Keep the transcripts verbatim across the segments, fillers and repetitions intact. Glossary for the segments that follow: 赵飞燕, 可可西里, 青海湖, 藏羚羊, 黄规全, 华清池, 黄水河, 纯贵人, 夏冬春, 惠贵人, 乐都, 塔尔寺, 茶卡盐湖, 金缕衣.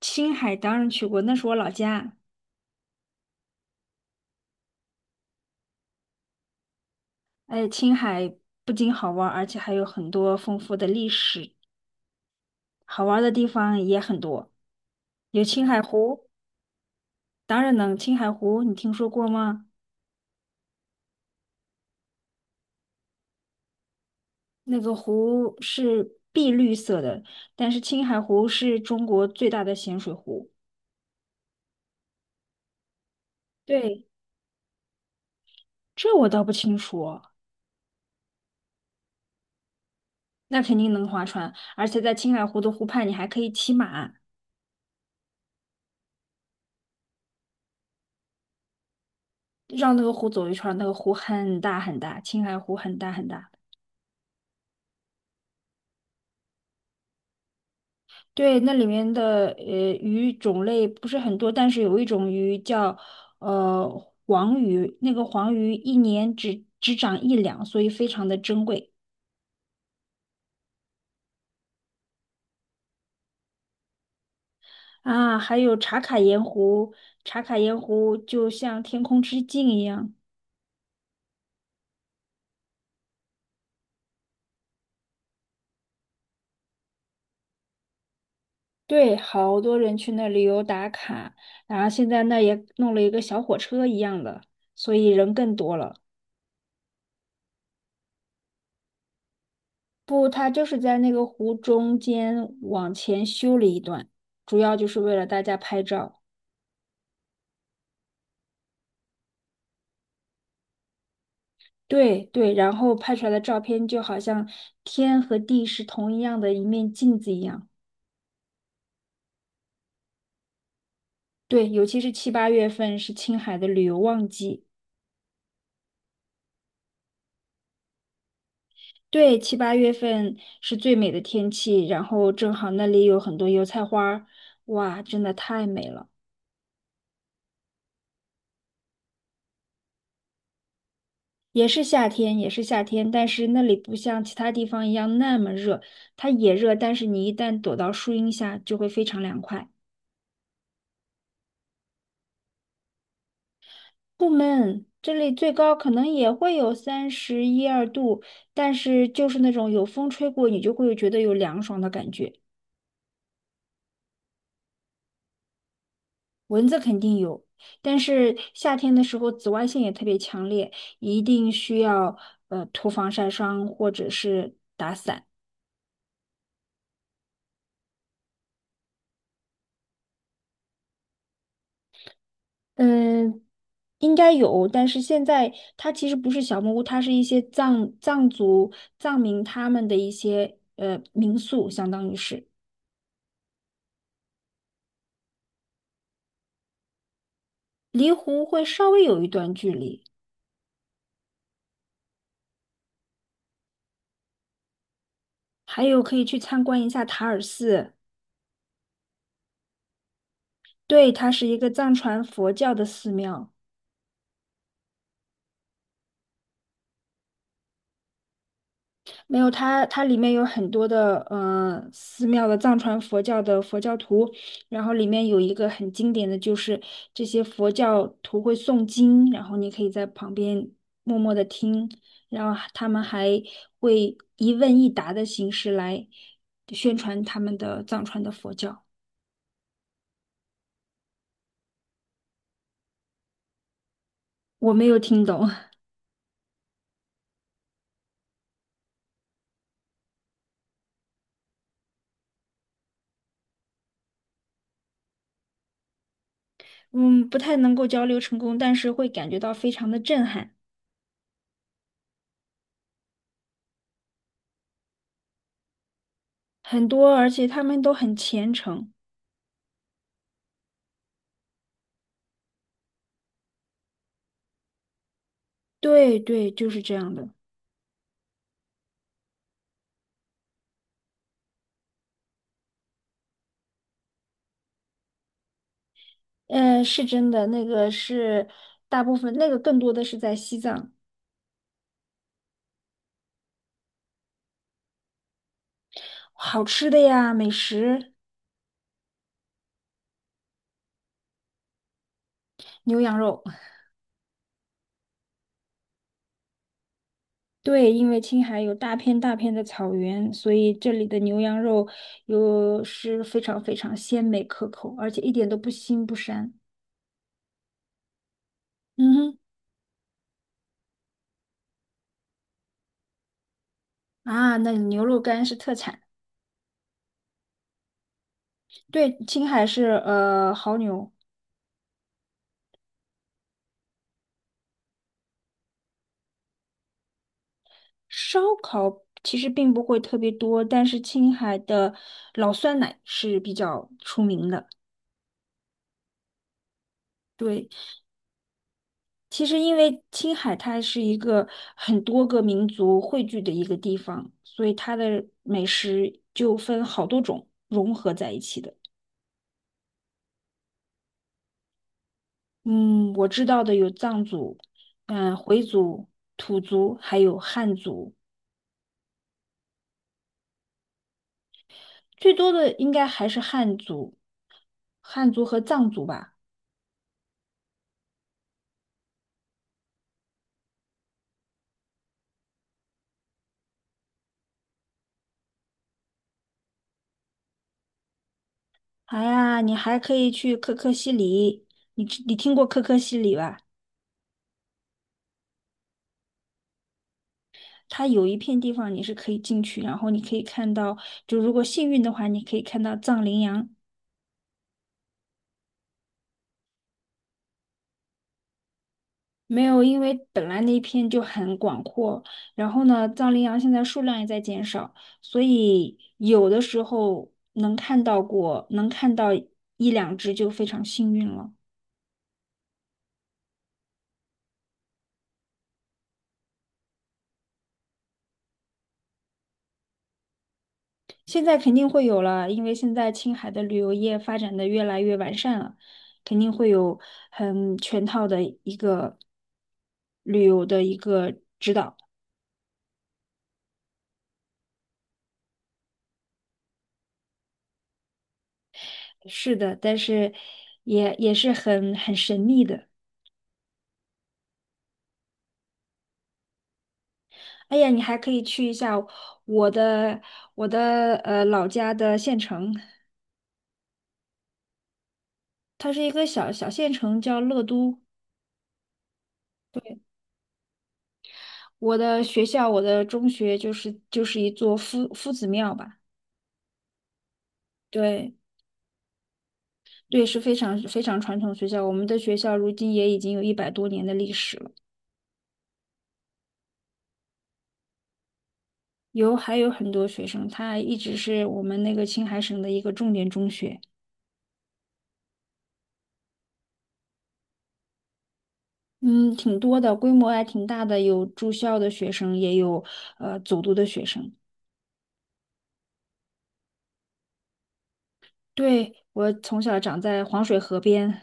青海当然去过，那是我老家。哎，青海不仅好玩儿而且还有很多丰富的历史，好玩儿的地方也很多。有青海湖。当然能。青海湖你听说过吗？那个湖是碧绿色的，但是青海湖是中国最大的咸水湖。对，这我倒不清楚哦。那肯定能划船，而且在青海湖的湖畔，你还可以骑马。绕那个湖走一圈儿，那个湖很大很大，青海湖很大很大。对，那里面的呃鱼种类不是很多，但是有一种鱼叫呃黄鱼，那个黄鱼一年只只长一两，所以非常的珍贵。啊。还有茶卡盐湖，茶卡盐湖就像天空之镜一样。对，好多人去那旅游打卡，然后现在那也弄了一个小火车一样的，所以人更多了。不，它就是在那个湖中间往前修了一段，主要就是为了大家拍照。对对，然后拍出来的照片就好像天和地是同一样的一面镜子一样。对，尤其是七八月份是青海的旅游旺季。对，七八月份是最美的天气，然后正好那里有很多油菜花儿，哇，真的太美了。也是夏天，也是夏天，但是那里不像其他地方一样那么热，它也热，但是你一旦躲到树荫下就会非常凉快。不闷，这里最高可能也会有三十一二度，但是就是那种有风吹过，你就会觉得有凉爽的感觉。蚊子肯定有，但是夏天的时候紫外线也特别强烈，一定需要呃涂防晒霜或者是嗯。应该有，但是现在它其实不是小木屋，它是一些藏藏族藏民他们的一些呃民宿，相当于是。离湖会稍微有一段距离。还有可以去参观一下塔尔寺。对，它是一个藏传佛教的寺庙。没有它，它里面有很多的呃寺庙的藏传佛教的佛教徒，然后里面有一个很经典的就是这些佛教徒会诵经，然后你可以在旁边默默的听，然后他们还会一问一答的形式来宣传他们的藏传的佛教。我没有听懂。嗯，不太能够交流成功，但是会感觉到非常的震撼。很多，而且他们都很虔诚。对对，就是这样的。呃，是真的，那个是大部分，那个更多的是在西藏。好吃的呀，美食，牛羊肉。对，因为青海有大片大片的草原，所以这里的牛羊肉又是非常非常鲜美可口，而且一点都不腥不膻。嗯哼。啊，那牛肉干是特产。对，青海是呃牦牛。烧烤其实并不会特别多，但是青海的老酸奶是比较出名的。对，其实因为青海它是一个很多个民族汇聚的一个地方，所以它的美食就分好多种融合在一起的。嗯，我知道的有藏族、嗯、回族、土族，还有汉族。最多的应该还是汉族，汉族和藏族吧。哎呀，你还可以去可可西里，你知你听过可可西里吧？它有一片地方你是可以进去，然后你可以看到，就如果幸运的话，你可以看到藏羚羊。没有，因为本来那一片就很广阔，然后呢，藏羚羊现在数量也在减少，所以有的时候能看到过，能看到一两只就非常幸运了。现在肯定会有了，因为现在青海的旅游业发展的越来越完善了，肯定会有很全套的一个旅游的一个。是的，但是也也是很很神秘的。哎呀，你还可以去一下我的我的呃老家的县城，它是一个小小县城，叫乐都。我的学校，我的中学就是就是一座夫夫子庙吧。对。对，是非常非常传统的学校。我们的学校如今也已经有一百多年的历史了。有还有很多学生，他一直是我们那个青海省的一个重点中学。嗯，挺多的，规模还挺大的，有住校的学生，也有呃走读的学生。对，我从小长在黄水河边。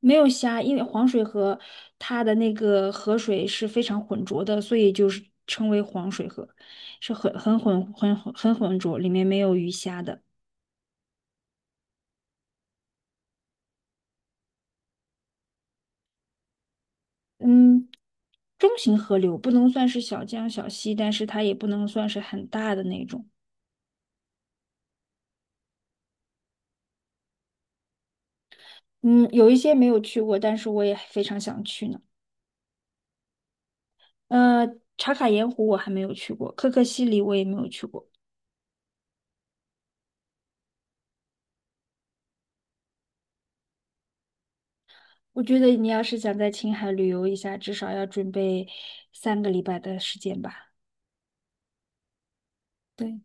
没有虾，因为黄水河它的那个河水是非常浑浊的，所以就是称为黄水河，是很很浑很浑很浑浊，里面没有鱼虾的。嗯，中型河流不能算是小江小溪，但是它也不能算是很大的那种。嗯，有一些没有去过，但是我也非常想去呢。呃，茶卡盐湖我还没有去过，可可西里我也没有去过。我觉得你要是想在青海旅游一下，至少要准备三个礼拜的时间吧。对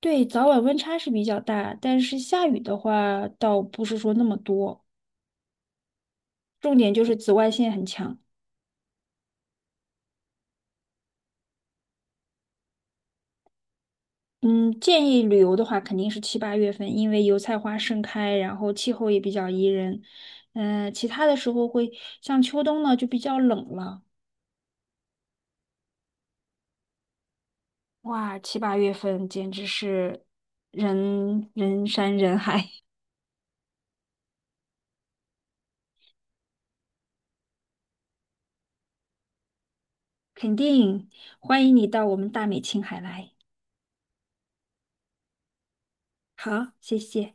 对，早晚温差是比较大，但是下雨的话倒不是说那么多，重点就是紫外线很强。嗯，建议旅游的话，肯定是七八月份，因为油菜花盛开，然后气候也比较宜人。嗯、其他的时候会像秋冬呢，就比较冷了。哇，七八月份简直是人人山人海。肯定欢迎你到我们大美青海来。好，谢谢。